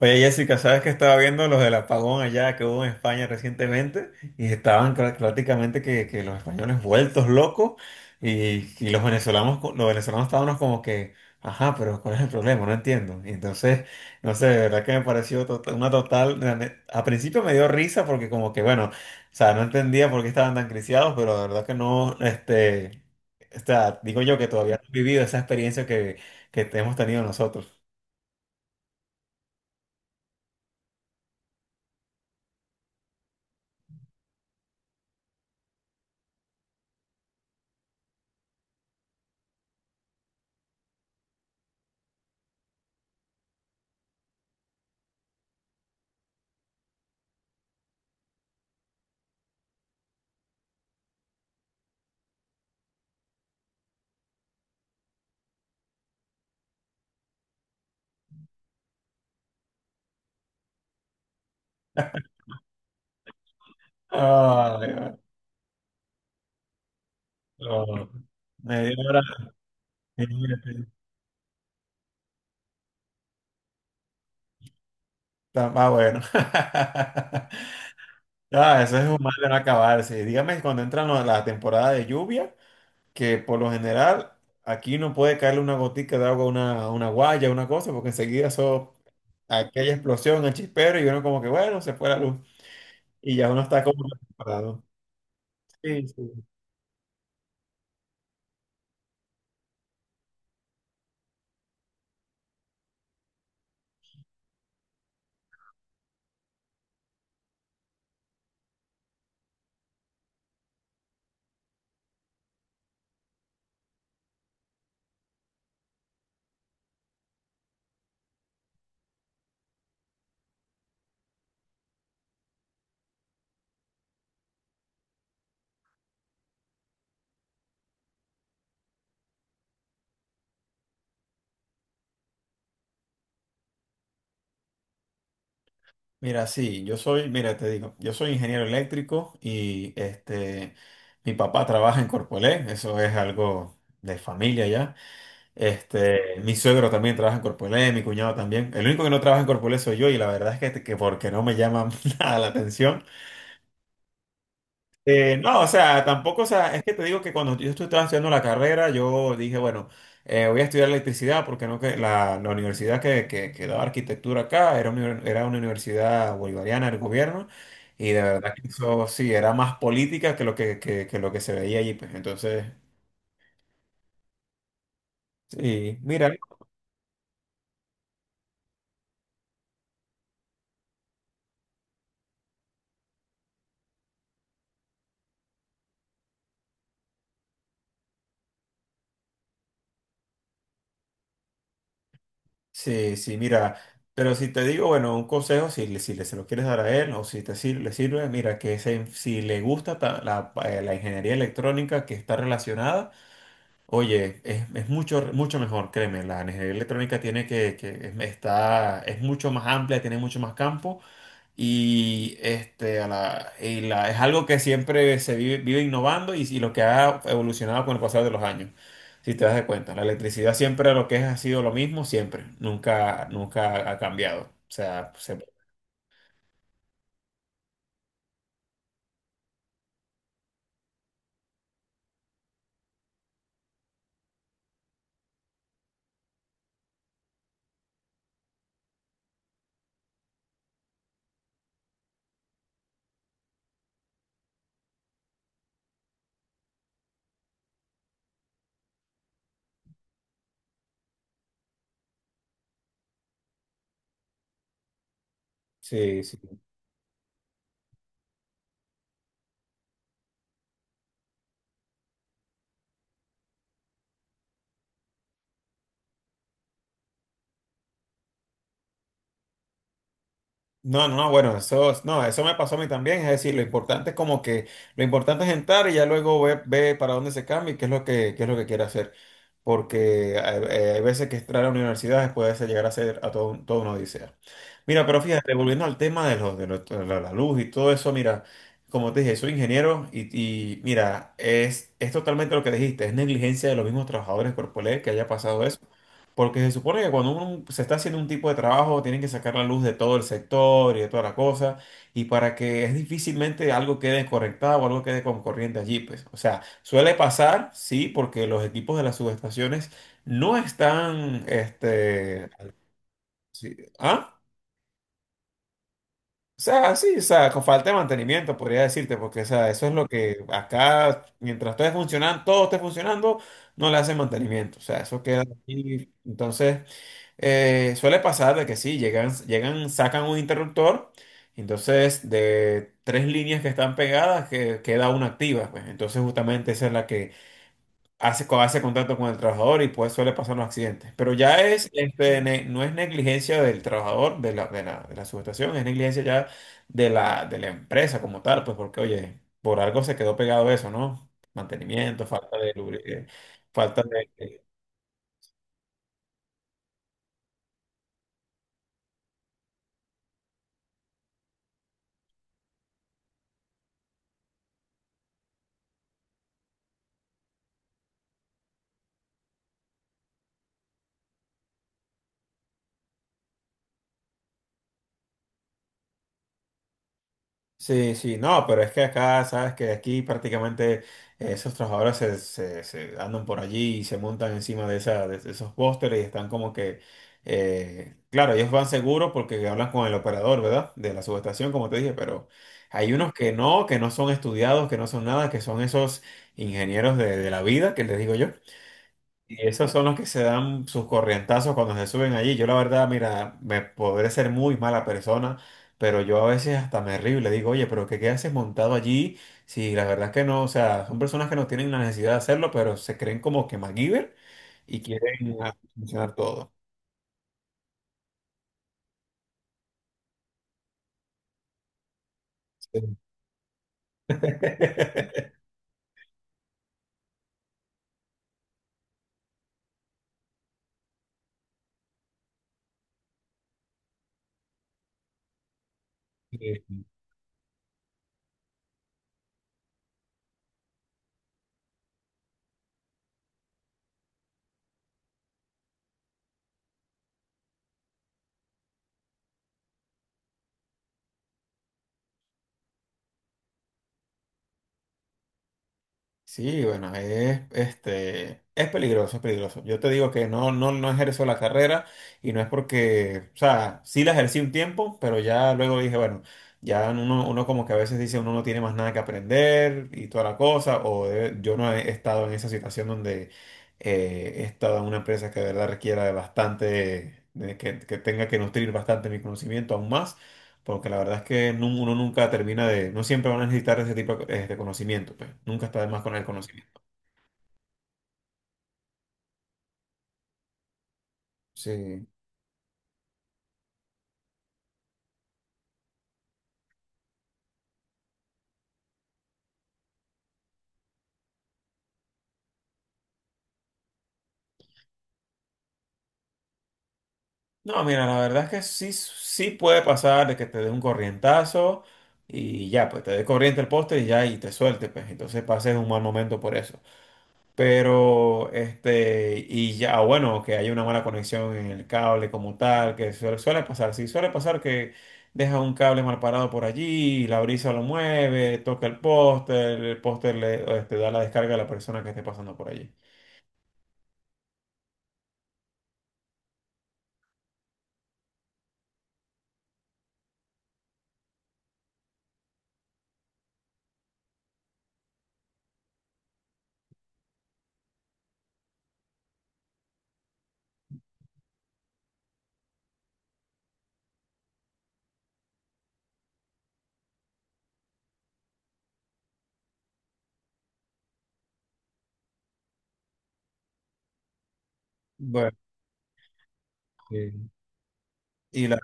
Oye, Jessica, ¿sabes que estaba viendo los del apagón allá que hubo en España recientemente? Y estaban prácticamente que los españoles vueltos locos y los venezolanos, los venezolanos estábamos como que, ajá, pero ¿cuál es el problema? No entiendo. Y entonces, no sé, de verdad que me pareció una total, a principio me dio risa porque como que, bueno, o sea, no entendía por qué estaban tan criciados, pero de verdad que no, o sea, digo yo que todavía no he vivido esa experiencia que hemos tenido nosotros. Ay. Oh, media hora. Imagínate. Está más bueno. Ah, eso es un mal de no acabarse. Dígame cuando entran la temporada de lluvia, que por lo general aquí no puede caerle una gotica de agua, a una guaya, una cosa, porque enseguida eso, aquella explosión, el chispero, y uno como que, bueno, se fue la luz. Y ya uno está como preparado. Sí, sí. Mira, sí, yo soy, mira, te digo, yo soy ingeniero eléctrico y mi papá trabaja en Corpoelec, eso es algo de familia ya. Mi suegro también trabaja en Corpoelec, mi cuñado también. El único que no trabaja en Corpoelec soy yo y la verdad es que porque no me llama nada la atención. No, o sea, tampoco, o sea, es que te digo que cuando yo estaba estudiando la carrera, yo dije, bueno, voy a estudiar electricidad porque no que la universidad que daba arquitectura acá era una universidad bolivariana del gobierno y de verdad que eso sí, era más política que lo que lo que se veía allí, pues entonces, sí, mira, sí, sí, mira, pero si te digo, bueno, un consejo, si, si le, se lo quieres dar a él o si te le sirve, mira, que si le gusta la, la ingeniería electrónica que está relacionada. Oye, es mucho, mucho mejor, créeme, la ingeniería electrónica tiene que es, está, es mucho más amplia, tiene mucho más campo y, a la, y es algo que siempre se vive, vive innovando y lo que ha evolucionado con el pasar de los años, si te das de cuenta. La electricidad siempre lo que es ha sido lo mismo, siempre, nunca, nunca ha cambiado. O sea, se- sí, sí. No, no, no, bueno, eso, no, eso me pasó a mí también, es decir, lo importante es como que, lo importante es entrar y ya luego ve, ve para dónde se cambia y qué es lo que, qué es lo que quiere hacer porque hay, hay veces que entrar a universidades puede llegar a ser a todo, toda una odisea. Mira, pero fíjate, volviendo al tema de, los de, de la luz y todo eso, mira, como te dije, soy ingeniero y mira, es totalmente lo que dijiste, es negligencia de los mismos trabajadores corporales que haya pasado eso. Porque se supone que cuando uno se está haciendo un tipo de trabajo, tienen que sacar la luz de todo el sector y de toda la cosa y para que es difícilmente algo quede conectado o algo quede con corriente allí, pues. O sea, suele pasar, sí, porque los equipos de las subestaciones no están, ah, o sea, sí, o sea, con falta de mantenimiento, podría decirte, porque, o sea, eso es lo que acá, mientras todo esté funcionando, no le hacen mantenimiento, o sea, eso queda allí, entonces. Suele pasar de que sí, llegan, llegan, sacan un interruptor, entonces de tres líneas que están pegadas que, queda una activa, pues entonces justamente esa es la que hace, hace contacto con el trabajador y pues suele pasar los accidentes. Pero ya es, no es negligencia del trabajador, de la, de la, de la subestación, es negligencia ya de la empresa como tal, pues porque oye, por algo se quedó pegado eso, ¿no? Mantenimiento, falta de, falta de. Sí, sí, no, pero es que acá, sabes que aquí prácticamente esos trabajadores se, se andan por allí y se montan encima de, esa, de esos pósteres y están como que, claro, ellos van seguros porque hablan con el operador, ¿verdad? De la subestación, como te dije, pero hay unos que no son estudiados, que no son nada, que son esos ingenieros de la vida, que les digo yo. Y esos son los que se dan sus corrientazos cuando se suben allí. Yo la verdad, mira, me podré ser muy mala persona, pero yo a veces hasta me río y le digo, oye, pero ¿qué, qué haces montado allí? Si la verdad es que no, o sea, son personas que no tienen la necesidad de hacerlo, pero se creen como que MacGyver y quieren ah, solucionar todo. Sí. Sí, bueno, es, es peligroso, es peligroso. Yo te digo que no, no, no ejerzo la carrera y no es porque, o sea, sí la ejercí un tiempo, pero ya luego dije, bueno, ya uno, uno como que a veces dice uno no tiene más nada que aprender y toda la cosa, o yo no he estado en esa situación donde he estado en una empresa que de verdad requiera de bastante, de que tenga que nutrir bastante mi conocimiento aún más. Porque la verdad es que uno nunca termina de, no siempre van a necesitar ese tipo de conocimiento, pues. Nunca está de más con el conocimiento. Sí. No, mira, la verdad es que sí, sí puede pasar de que te dé un corrientazo y ya, pues te dé corriente el poste y ya, y te suelte, pues. Entonces pases un mal momento por eso. Pero, y ya, bueno, que haya una mala conexión en el cable como tal, que suele, suele pasar, sí, suele pasar que deja un cable mal parado por allí, la brisa lo mueve, toca el póster da la descarga a la persona que esté pasando por allí. Bueno, sí. Y, la,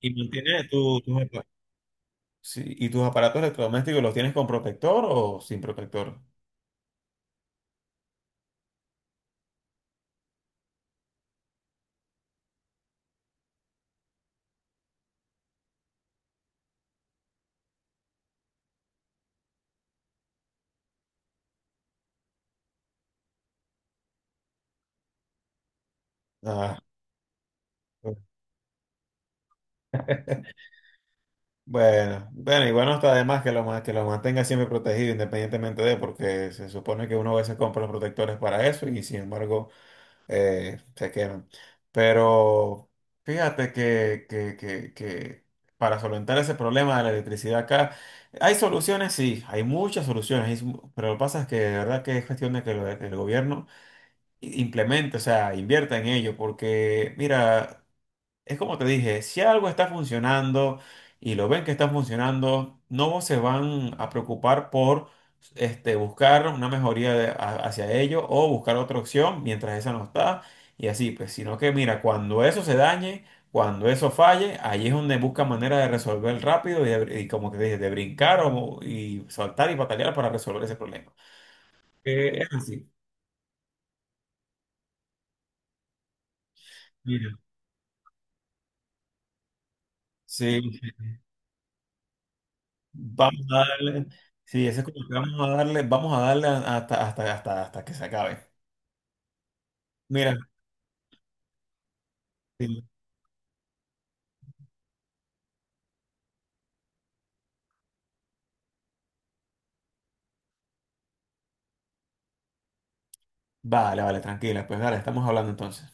y mantiene tus sí, y tus aparatos electrodomésticos, ¿los tienes con protector o sin protector? Ah. Bueno, bueno, igual no está de más que lo, que lo mantenga siempre protegido independientemente de, porque se supone que uno a veces compra los protectores para eso y sin embargo se queman. Pero fíjate que para solventar ese problema de la electricidad acá, hay soluciones, sí, hay muchas soluciones, hay mu- pero lo que pasa es que de verdad que es cuestión de que el gobierno implemente, o sea, invierta en ello, porque mira... Es como te dije, si algo está funcionando y lo ven que está funcionando, no se van a preocupar por buscar una mejoría hacia ello o buscar otra opción mientras esa no está y así, pues, sino que mira, cuando eso se dañe, cuando eso falle, ahí es donde busca manera de resolver rápido y, y como te dije, de brincar o, y saltar y batallar para resolver ese problema. Es así. Mira. Sí. Vamos a darle, sí, ese es como que vamos a darle hasta, hasta, hasta, hasta que se acabe. Mira, sí, vale, vale, tranquila, pues dale, estamos hablando entonces.